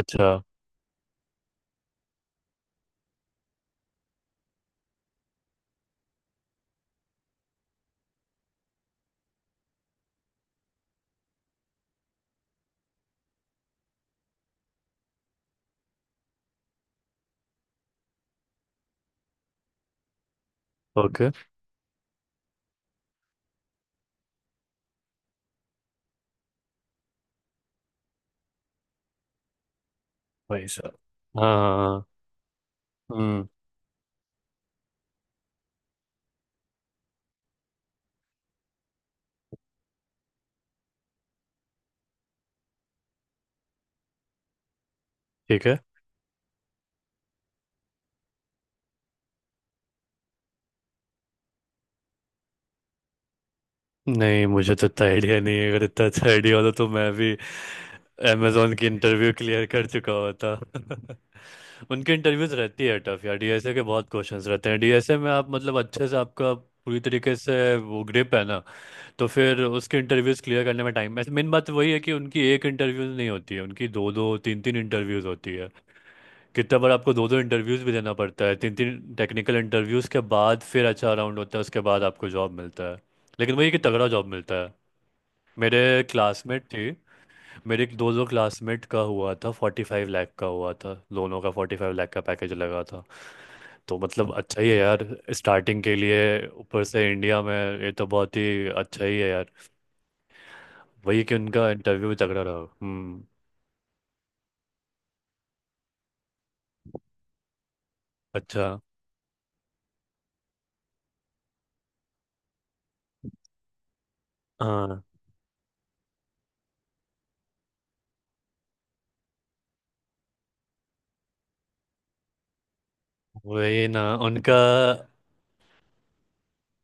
अच्छा। ओके। भाई साहब। हाँ हाँ, हाँ, हम्म। ठीक है। नहीं, मुझे तो इतना आइडिया नहीं है। अगर इतना अच्छा आइडिया होता तो मैं भी अमेजोन की इंटरव्यू क्लियर कर चुका होता। उनकी इंटरव्यूज रहती है टफ यार। डीएसए के बहुत क्वेश्चंस रहते हैं। डीएसए में आप मतलब अच्छे से आपका पूरी तरीके से वो ग्रिप है ना। तो फिर उसके इंटरव्यूज क्लियर करने में टाइम। मेन बात वही है कि उनकी एक इंटरव्यू नहीं होती है, उनकी दो दो तीन तीन इंटरव्यूज होती है। कितना बार आपको दो दो इंटरव्यूज भी देना पड़ता है, तीन तीन टेक्निकल इंटरव्यूज के बाद फिर अच्छा राउंड होता है, उसके बाद आपको जॉब मिलता है। लेकिन वही कि तगड़ा जॉब मिलता है। मेरे क्लासमेट थी। मेरे एक दो दो क्लासमेट का हुआ था, फोर्टी फाइव लाख का हुआ था, दोनों का फोर्टी फाइव लाख का पैकेज लगा था। तो मतलब अच्छा ही है यार, स्टार्टिंग के लिए। ऊपर से इंडिया में, ये तो बहुत ही अच्छा ही है यार। वही कि उनका इंटरव्यू भी तगड़ा रहा। हम्म। अच्छा। हाँ, वही ना उनका।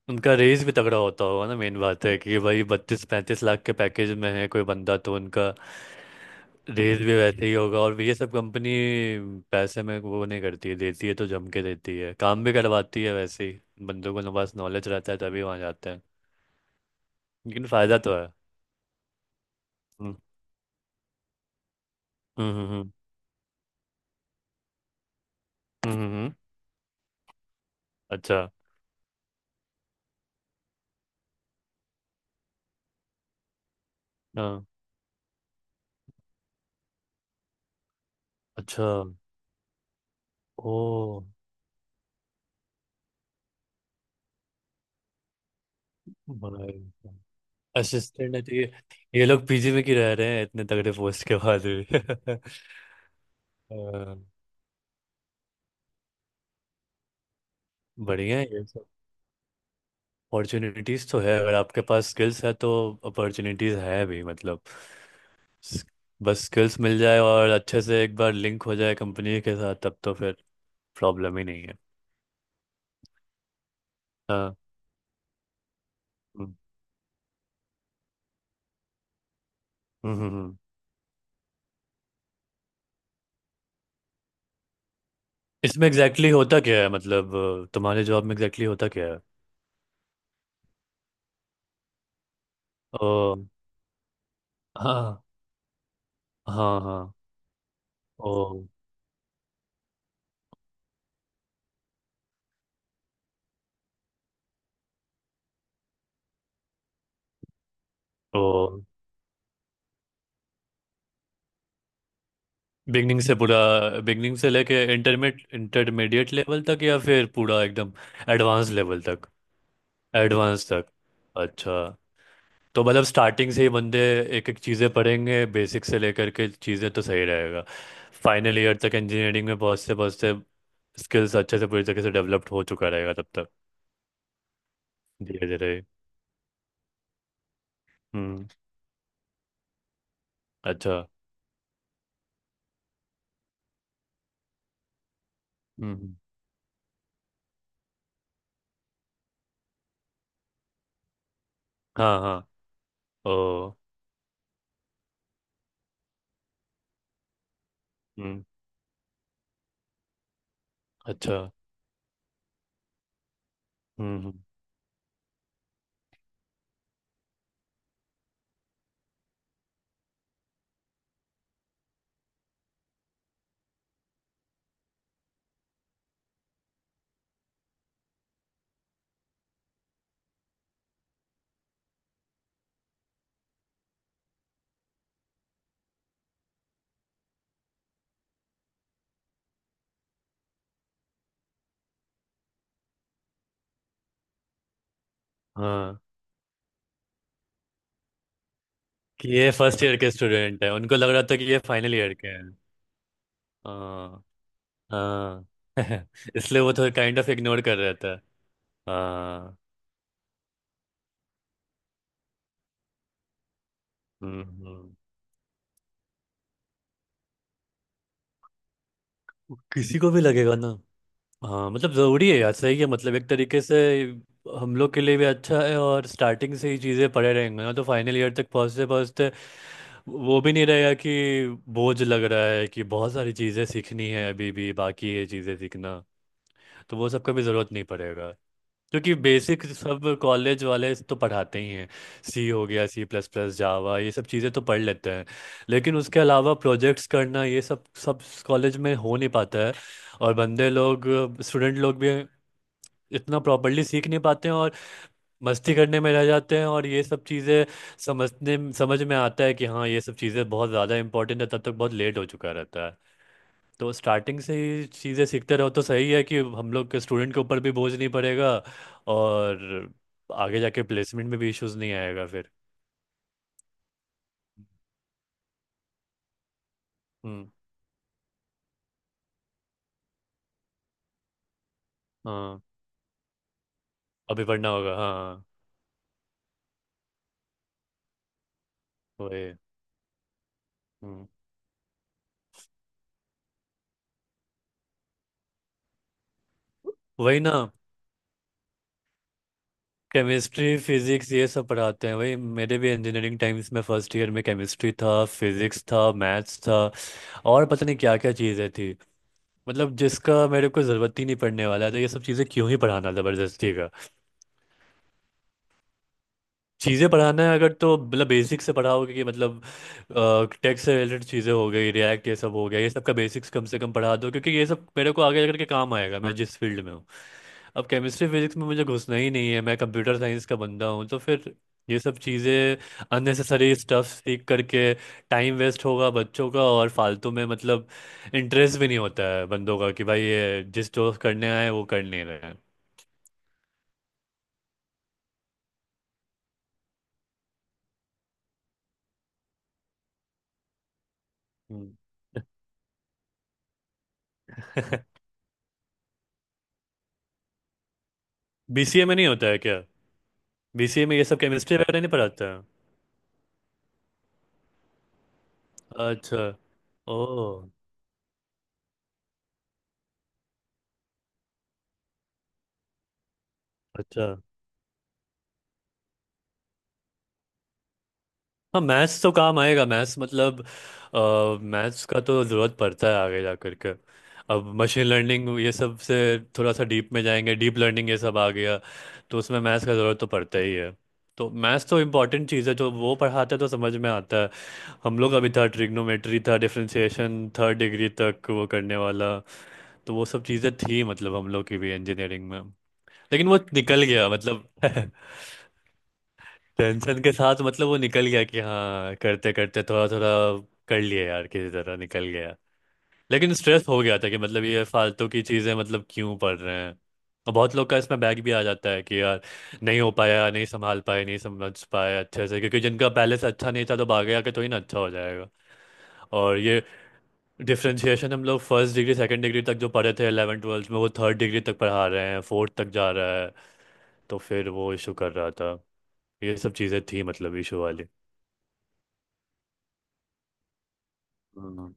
उनका रेस भी तगड़ा होता होगा ना। मेन बात है कि भाई बत्तीस पैंतीस लाख के पैकेज में है कोई बंदा तो उनका रेस भी वैसे ही होगा। और ये सब कंपनी पैसे में वो नहीं करती है, देती है तो जम के देती है, काम भी करवाती है। वैसे ही बंदों को पास नॉलेज रहता है, तभी वहाँ जाते हैं। लेकिन फायदा तो है। हम्म, हम्म, हम्म, हम्म, हम्म, हम्म। अच्छा। हाँ। अच्छा। ओ। भाई। असिस्टेंट है तो ये लोग पीजी में क्यों रह रहे हैं, इतने तगड़े पोस्ट के बाद भी? हाँ, बढ़िया है ये सब। अपॉर्चुनिटीज तो है अगर आपके पास स्किल्स है तो। अपॉर्चुनिटीज है भी मतलब स- बस स्किल्स मिल जाए और अच्छे से एक बार लिंक हो जाए कंपनी के साथ, तब तो फिर प्रॉब्लम ही नहीं है। हाँ, हम्म, हम्म, हम्म, हम्म। इसमें एग्जैक्टली होता क्या है, मतलब तुम्हारे जॉब में एग्जैक्टली होता क्या है? ओ। हाँ हाँ हाँ। ओ। ओ। बिगनिंग से पूरा? बिगनिंग से लेके इंटरमीडिएट इंटरमीडिएट लेवल तक, या फिर पूरा एकदम एडवांस लेवल तक? एडवांस तक। अच्छा। तो मतलब स्टार्टिंग से ही बंदे एक एक चीज़ें पढ़ेंगे, बेसिक से लेकर के चीज़ें, तो सही रहेगा। फाइनल ईयर तक इंजीनियरिंग में पहुँचते पहुँचते स्किल्स अच्छे से पूरी तरीके से डेवलप्ड हो चुका रहेगा तब तक। धीरे धीरे। हम्म। अच्छा। हम्म। हाँ हाँ। ओ। हम्म। अच्छा। हम्म, हाँ, कि ये फर्स्ट ईयर के स्टूडेंट हैं, उनको लग रहा था कि ये फाइनल ईयर के हैं। हाँ। हाँ। इसलिए वो थोड़ा काइंड ऑफ इग्नोर कर रहे थे। हाँ। हम्म, किसी को भी लगेगा ना। हाँ मतलब, ज़रूरी है यार, सही है मतलब, एक तरीके से। हम लोग के लिए भी अच्छा है, और स्टार्टिंग से ही चीज़ें पड़े रहेंगे ना तो फाइनल ईयर तक पहुँचते पहुँचते वो भी नहीं रहेगा कि बोझ लग रहा है, कि बहुत सारी चीज़ें सीखनी है, अभी भी बाकी है चीज़ें सीखना, तो वो सब का भी ज़रूरत नहीं पड़ेगा। क्योंकि बेसिक सब कॉलेज वाले तो पढ़ाते ही हैं। सी हो गया, सी प्लस प्लस, जावा, ये सब चीज़ें तो पढ़ लेते हैं। लेकिन उसके अलावा प्रोजेक्ट्स करना, ये सब सब कॉलेज में हो नहीं पाता है। और बंदे लोग, स्टूडेंट लोग भी इतना प्रॉपरली सीख नहीं पाते हैं और मस्ती करने में रह जाते हैं, और ये सब चीज़ें समझने समझ में आता है कि हाँ ये सब चीज़ें बहुत ज़्यादा इंपॉर्टेंट है, तब तक बहुत लेट हो चुका रहता है। तो स्टार्टिंग से ही चीज़ें सीखते रहो तो सही है, कि हम लोग के स्टूडेंट के ऊपर भी बोझ नहीं पड़ेगा, और आगे जाके प्लेसमेंट में भी इश्यूज नहीं आएगा फिर। हम्म। हाँ, अभी पढ़ना होगा हाँ। वही। हम्म। वही ना। केमिस्ट्री, फिजिक्स, ये सब पढ़ाते हैं वही। मेरे भी इंजीनियरिंग टाइम्स में फर्स्ट ईयर में केमिस्ट्री था, फिजिक्स था, मैथ्स था, और पता नहीं क्या क्या चीज़ें थी। मतलब जिसका मेरे को ज़रूरत ही नहीं पड़ने वाला था, ये सब चीज़ें क्यों ही पढ़ाना ज़बरदस्ती? चीज़ें पढ़ाना है अगर, तो मतलब बेसिक से पढ़ाओगे कि मतलब। टेक्स्ट से रिलेटेड चीज़ें हो गई, रिएक्ट ये सब हो गया, ये सब का बेसिक्स कम से कम पढ़ा दो, क्योंकि ये सब मेरे को आगे जाकर के काम आएगा, मैं जिस फील्ड में हूँ। अब केमिस्ट्री फिजिक्स में मुझे घुसना ही नहीं है, मैं कंप्यूटर साइंस का बंदा हूँ तो फिर ये सब चीज़ें, अननेसेसरी स्टफ सीख करके टाइम वेस्ट होगा बच्चों का, और फालतू में मतलब इंटरेस्ट भी नहीं होता है बंदों का, कि भाई ये जिस जो करने आए वो कर नहीं रहे। हैं। बीसीए में नहीं होता है। बीसीए में ये सब केमिस्ट्री वगैरह नहीं पढ़ाता है। अच्छा। ओ। अच्छा। हाँ, मैथ्स तो काम आएगा, मैथ्स मतलब, मैथ्स का तो ज़रूरत पड़ता है आगे जा कर के। अब मशीन लर्निंग ये सब से थोड़ा सा डीप में जाएंगे, डीप लर्निंग ये सब आ गया, तो उसमें मैथ्स का ज़रूरत तो पड़ता ही है। तो मैथ्स तो इम्पॉर्टेंट चीज़ है, जो वो पढ़ाते हैं तो समझ में आता है। हम लोग अभी था, ट्रिग्नोमेट्री था, डिफरेंशिएशन थर्ड डिग्री तक वो करने वाला, तो वो सब चीज़ें थी मतलब हम लोग की भी इंजीनियरिंग में। लेकिन वो निकल गया मतलब। टेंशन के साथ मतलब वो निकल गया, कि हाँ करते करते थोड़ा थोड़ा कर लिया यार, किसी तरह निकल गया। लेकिन स्ट्रेस हो गया था, कि मतलब ये फालतू की चीज़ें, मतलब क्यों पढ़ रहे हैं। और बहुत लोग का इसमें बैग भी आ जाता है कि यार नहीं हो पाया, नहीं संभाल पाए, नहीं समझ पाए अच्छे से, क्योंकि जिनका पहले से अच्छा नहीं था तो आगे आके थोड़ी ना अच्छा हो जाएगा। और ये डिफ्रेंशिएशन हम लोग फर्स्ट डिग्री सेकंड डिग्री तक जो पढ़े थे 11 ट्वेल्थ में, वो थर्ड डिग्री तक पढ़ा रहे हैं, फोर्थ तक जा रहा है। तो फिर वो इशू कर रहा था, ये सब चीज़ें थी मतलब इशू वाली। हम्म,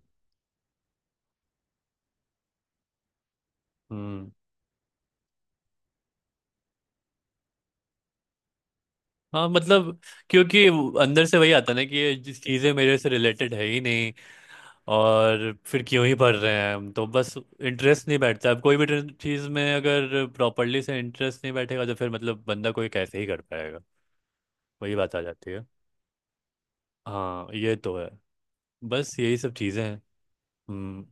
हम्म। हाँ मतलब, क्योंकि अंदर से वही आता ना कि ये जिस चीज़ें मेरे से रिलेटेड है ही नहीं, और फिर क्यों ही पढ़ रहे हैं हम, तो बस इंटरेस्ट नहीं बैठता। अब कोई भी चीज़ में अगर प्रॉपरली से इंटरेस्ट नहीं बैठेगा, तो फिर मतलब बंदा कोई कैसे ही कर पाएगा। वही बात आ जाती है। हाँ ये तो है। बस यही सब चीज़ें हैं। हम्म।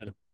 है ना?